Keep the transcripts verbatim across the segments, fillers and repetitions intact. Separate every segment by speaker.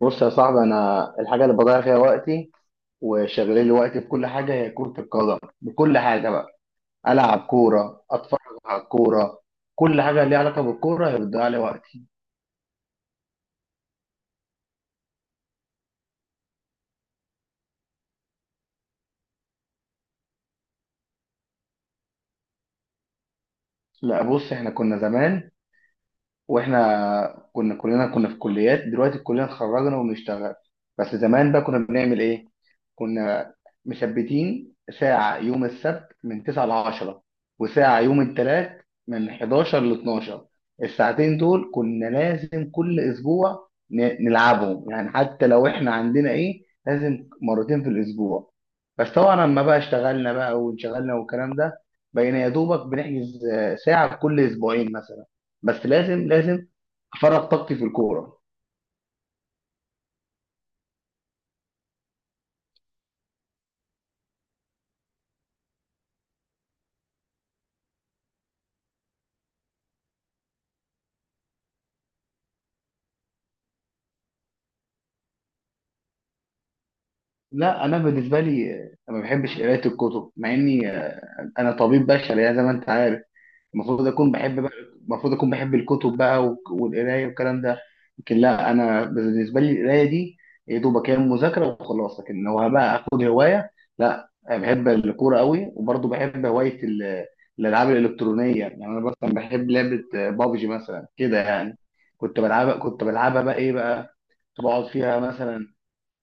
Speaker 1: بص يا صاحبي، انا الحاجه اللي بضيع فيها وقتي وشغلين لي وقتي في كل حاجه هي كره القدم، بكل حاجه بقى. العب كوره، اتفرج على الكوره. كل حاجه ليها علاقه بالكوره هي بتضيع لي وقتي. لا بص، احنا كنا زمان، واحنا كنا كلنا كنا في كليات. دلوقتي كلنا اتخرجنا وبنشتغل. بس زمان بقى كنا بنعمل ايه؟ كنا مثبتين ساعة يوم السبت من تسعة ل عشرة، وساعة يوم الثلاث من حداشر ل اثنا عشر. الساعتين دول كنا لازم كل اسبوع ن- نلعبهم، يعني حتى لو احنا عندنا ايه، لازم مرتين في الاسبوع. بس طبعا لما بقى اشتغلنا بقى وانشغلنا والكلام ده، بقينا يا دوبك بنحجز آه، ساعة كل اسبوعين مثلا، بس لازم لازم افرغ طاقتي في الكوره. لا انا بالنسبه لي آه، ما بحبش قرايه الكتب، مع اني آه، انا طبيب بشري يعني، زي ما انت عارف، المفروض اكون بحب بقى، المفروض اكون بحب الكتب بقى وك- والقرايه والكلام ده. لكن لا، انا بالنسبه لي القرايه دي يا دوبك هي مذاكره وخلاص. لكن لو بقى اخد هوايه، لا، أنا بحب الكوره قوي. وبرضه بحب هوايه ال- الالعاب الالكترونيه. يعني انا مثلا بحب لعبه بابجي مثلا كده، يعني كنت بلعبها كنت بلعبها بقى ايه بقى. كنت بقعد فيها مثلا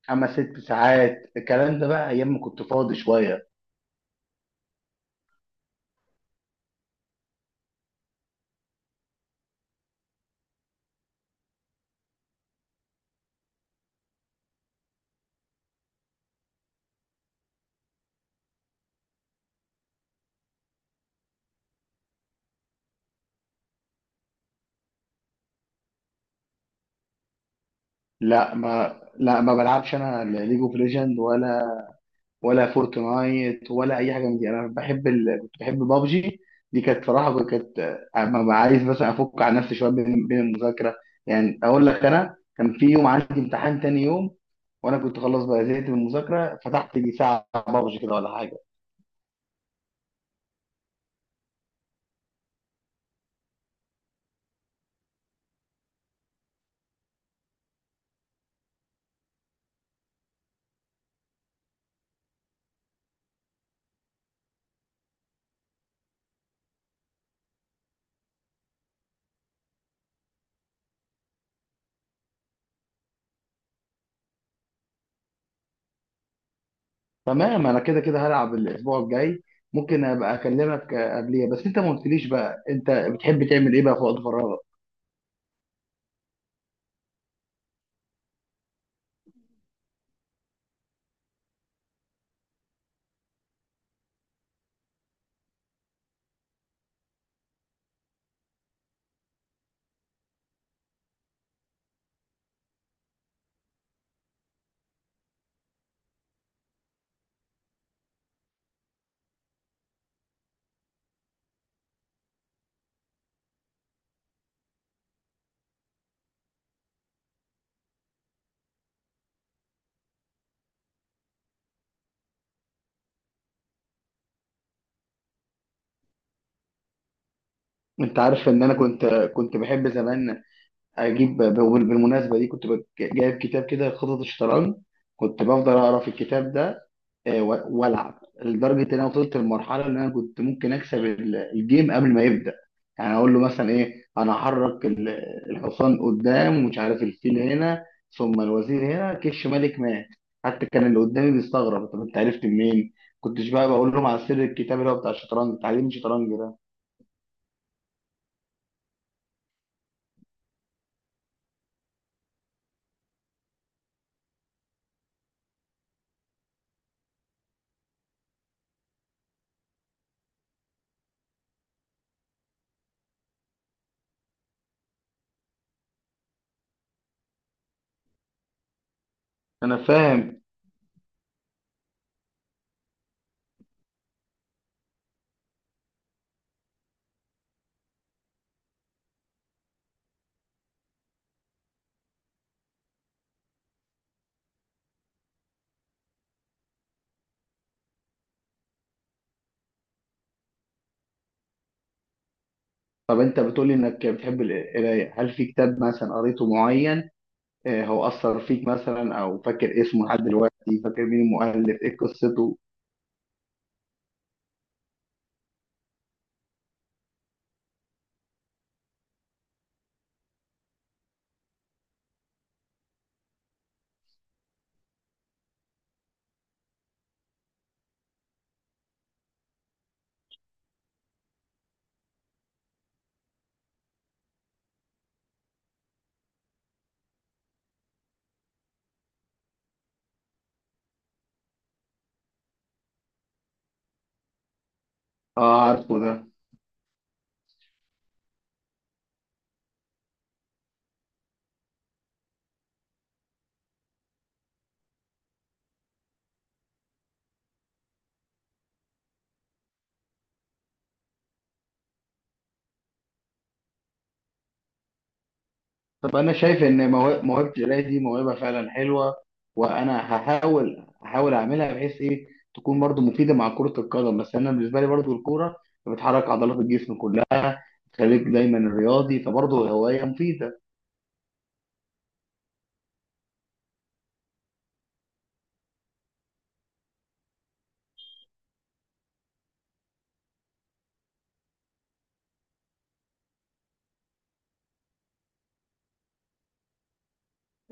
Speaker 1: خمس ست ساعات، الكلام ده بقى ايام ما كنت فاضي شويه. لا ما لا ما بلعبش انا ليج اوف ليجند، ولا ولا فورتنايت ولا اي حاجه من دي. انا بحب ال... كنت بحب بابجي. دي كانت صراحه كانت، اما ببقى عايز مثلا افك عن نفسي شويه بين بين المذاكره. يعني اقول لك، انا كان في يوم عندي امتحان تاني يوم، وانا كنت خلاص بقى زهقت من المذاكره، فتحت لي ساعه بابجي كده ولا حاجه. تمام، انا كده كده هلعب الاسبوع الجاي. ممكن ابقى اكلمك آه، قبليها. بس انت ما قلتليش بقى انت بتحب تعمل ايه بقى في وقت فراغك؟ انت عارف ان انا كنت كنت بحب زمان اجيب، بالمناسبه دي كنت بك- جايب كتاب كده خطط الشطرنج. كنت بفضل اقرا في الكتاب ده، آه، و- والعب لدرجه ان انا وصلت للمرحله ان انا كنت ممكن اكسب ال- الجيم قبل ما يبدا. يعني اقول له مثلا ايه، انا هحرك ال- الحصان قدام، ومش عارف الفيل هنا، ثم الوزير هنا كش ملك مات. حتى كان اللي قدامي بيستغرب، طب انت عرفت منين؟ كنتش بقى بقول لهم على سر الكتاب اللي هو بتاع الشطرنج، تعليم الشطرنج ده. انا فاهم. طب انت بتقول لي انك بتحب القرايه، هل في كتاب مثلا قريته معين آه، هو اثر فيك مثلا، او فاكر اسمه لحد دلوقتي، فاكر مين المؤلف، ايه قصته؟ اه عارفه ده. طب انا شايف ان مو- موهبه القرايه دي موهبه فعلا حلوه. وانا هحاول هحاول اعملها بحيث ايه تكون برضو مفيده مع كره القدم. بس انا بالنسبه لي برضو الكوره بتحرك عضلات الجسم كلها، تخليك دايما رياضي، فبرضه هوايه مفيده.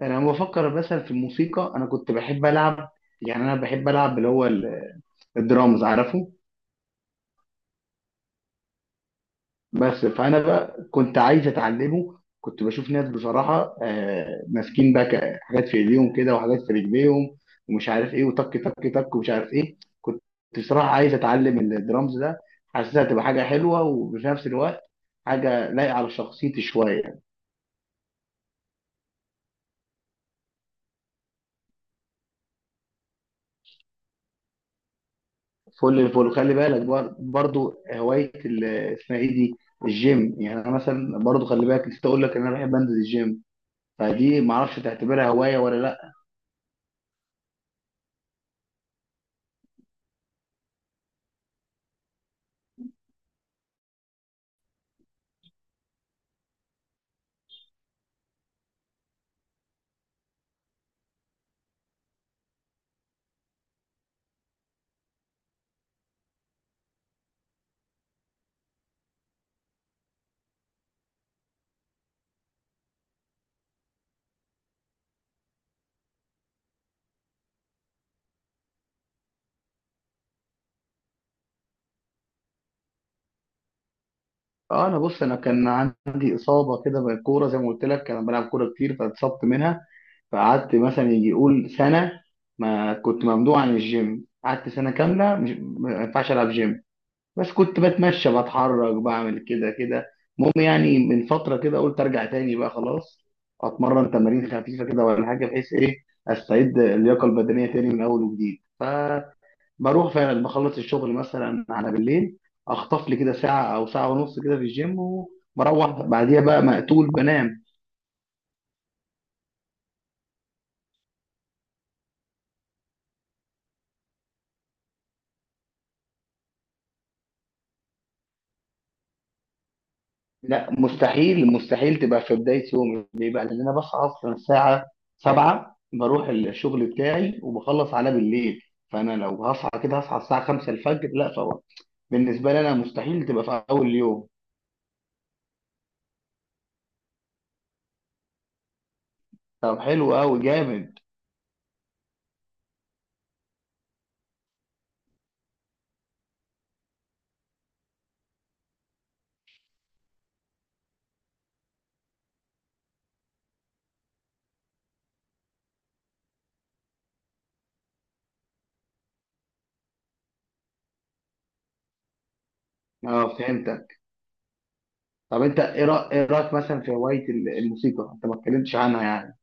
Speaker 1: انا لما بفكر مثلا في الموسيقى، انا كنت بحب العب. يعني انا بحب العب اللي هو ال- الدرامز، عارفه. بس فانا بقى كنت عايز اتعلمه. كنت بشوف ناس بصراحه آه، ماسكين بقى ك- حاجات في ايديهم كده وحاجات في رجليهم، ومش عارف ايه، وتك تك تك، ومش عارف ايه. كنت بصراحه عايز اتعلم الدرامز ده. حاسسها تبقى حاجه حلوه، وفي نفس الوقت حاجه لايقه على شخصيتي شويه. فل الفل. خلي بالك بر- برضو هوايه ال- اسمها ايه دي، الجيم. يعني انا مثلا برضو خلي بالك نسيت اقول لك ان انا بحب انزل الجيم. فدي معرفش تعتبرها هوايه ولا لا. اه، انا بص، انا كان عندي اصابه كده بالكوره، زي ما قلت لك انا بلعب كوره كتير فاتصبت منها. فقعدت مثلا يجي يقول سنه، ما كنت ممنوع عن الجيم. قعدت سنه كامله مش ما ينفعش العب جيم. بس كنت بتمشى، بتحرك، بعمل كده كده. المهم يعني من فتره كده قلت ارجع تاني بقى خلاص. اتمرن تمارين خفيفه كده ولا حاجه، بحيث ايه استعيد اللياقه البدنيه تاني من اول وجديد. بروح فعلا بخلص الشغل مثلا على بالليل، اخطف لي كده ساعه او ساعه ونص كده في الجيم، وبروح بعديها بقى مقتول بنام. لا، مستحيل مستحيل تبقى في بدايه يومي، ليه بقى؟ لان انا بصحى اصلا الساعه سبعة، بروح الشغل بتاعي وبخلص على بالليل. فانا لو هصحى كده هصحى الساعه خمسة الفجر، لا طبعا. بالنسبه لي انا مستحيل تبقى في اول يوم. طب حلو قوي، جامد. اه فهمتك. طب انت ايه رأ- إيه رايك مثلا في هوايه ال- الموسيقى؟ انت ما اتكلمتش عنها يعني.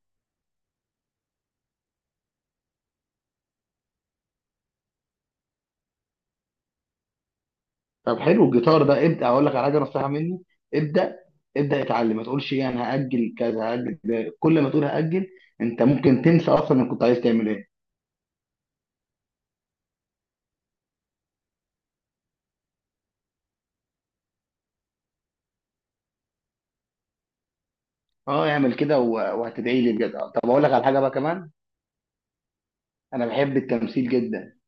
Speaker 1: طب حلو الجيتار ده. ابدا، اقول لك على حاجه نصيحه مني، ابدا، ابدا اتعلم. ما تقولش ايه انا هاجل كذا، هاجل ده. كل ما تقول هاجل انت ممكن تنسى اصلا انك كنت عايز تعمل ايه. اه، اعمل كده و- وهتدعي لي بجد. آه، طب اقول لك على حاجه بقى كمان، انا بحب التمثيل جدا.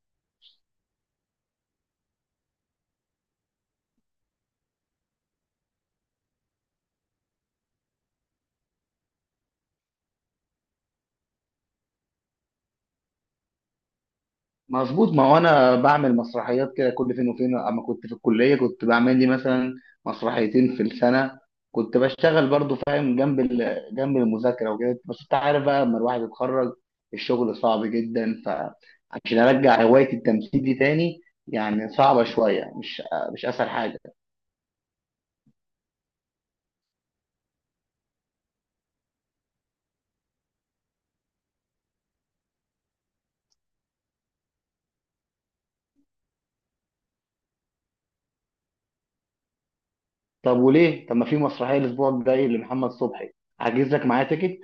Speaker 1: مظبوط، ما هو انا بعمل مسرحيات كده كل فين وفين. اما كنت في الكليه كنت بعمل لي مثلا مسرحيتين في السنه. كنت بشتغل برضو، فاهم، جنب ال- جنب المذاكره وكده. بس انت عارف بقى لما الواحد يتخرج الشغل صعب جدا، فعشان ارجع هوايه التمثيل دي تاني يعني صعبه شويه، مش مش اسهل حاجه. طب وليه؟ طب ما في مسرحيه الاسبوع الجاي لمحمد صبحي، هحجز لك معايا تيكت.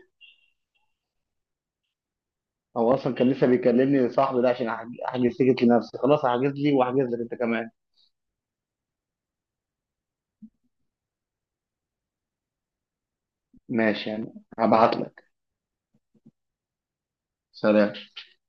Speaker 1: هو اصلا كان لسه بيكلمني صاحبي ده عشان احجز أحجز تيكت لنفسي خلاص. هحجز لي واحجز لك انت كمان. ماشي، يعني هبعت لك. سلام.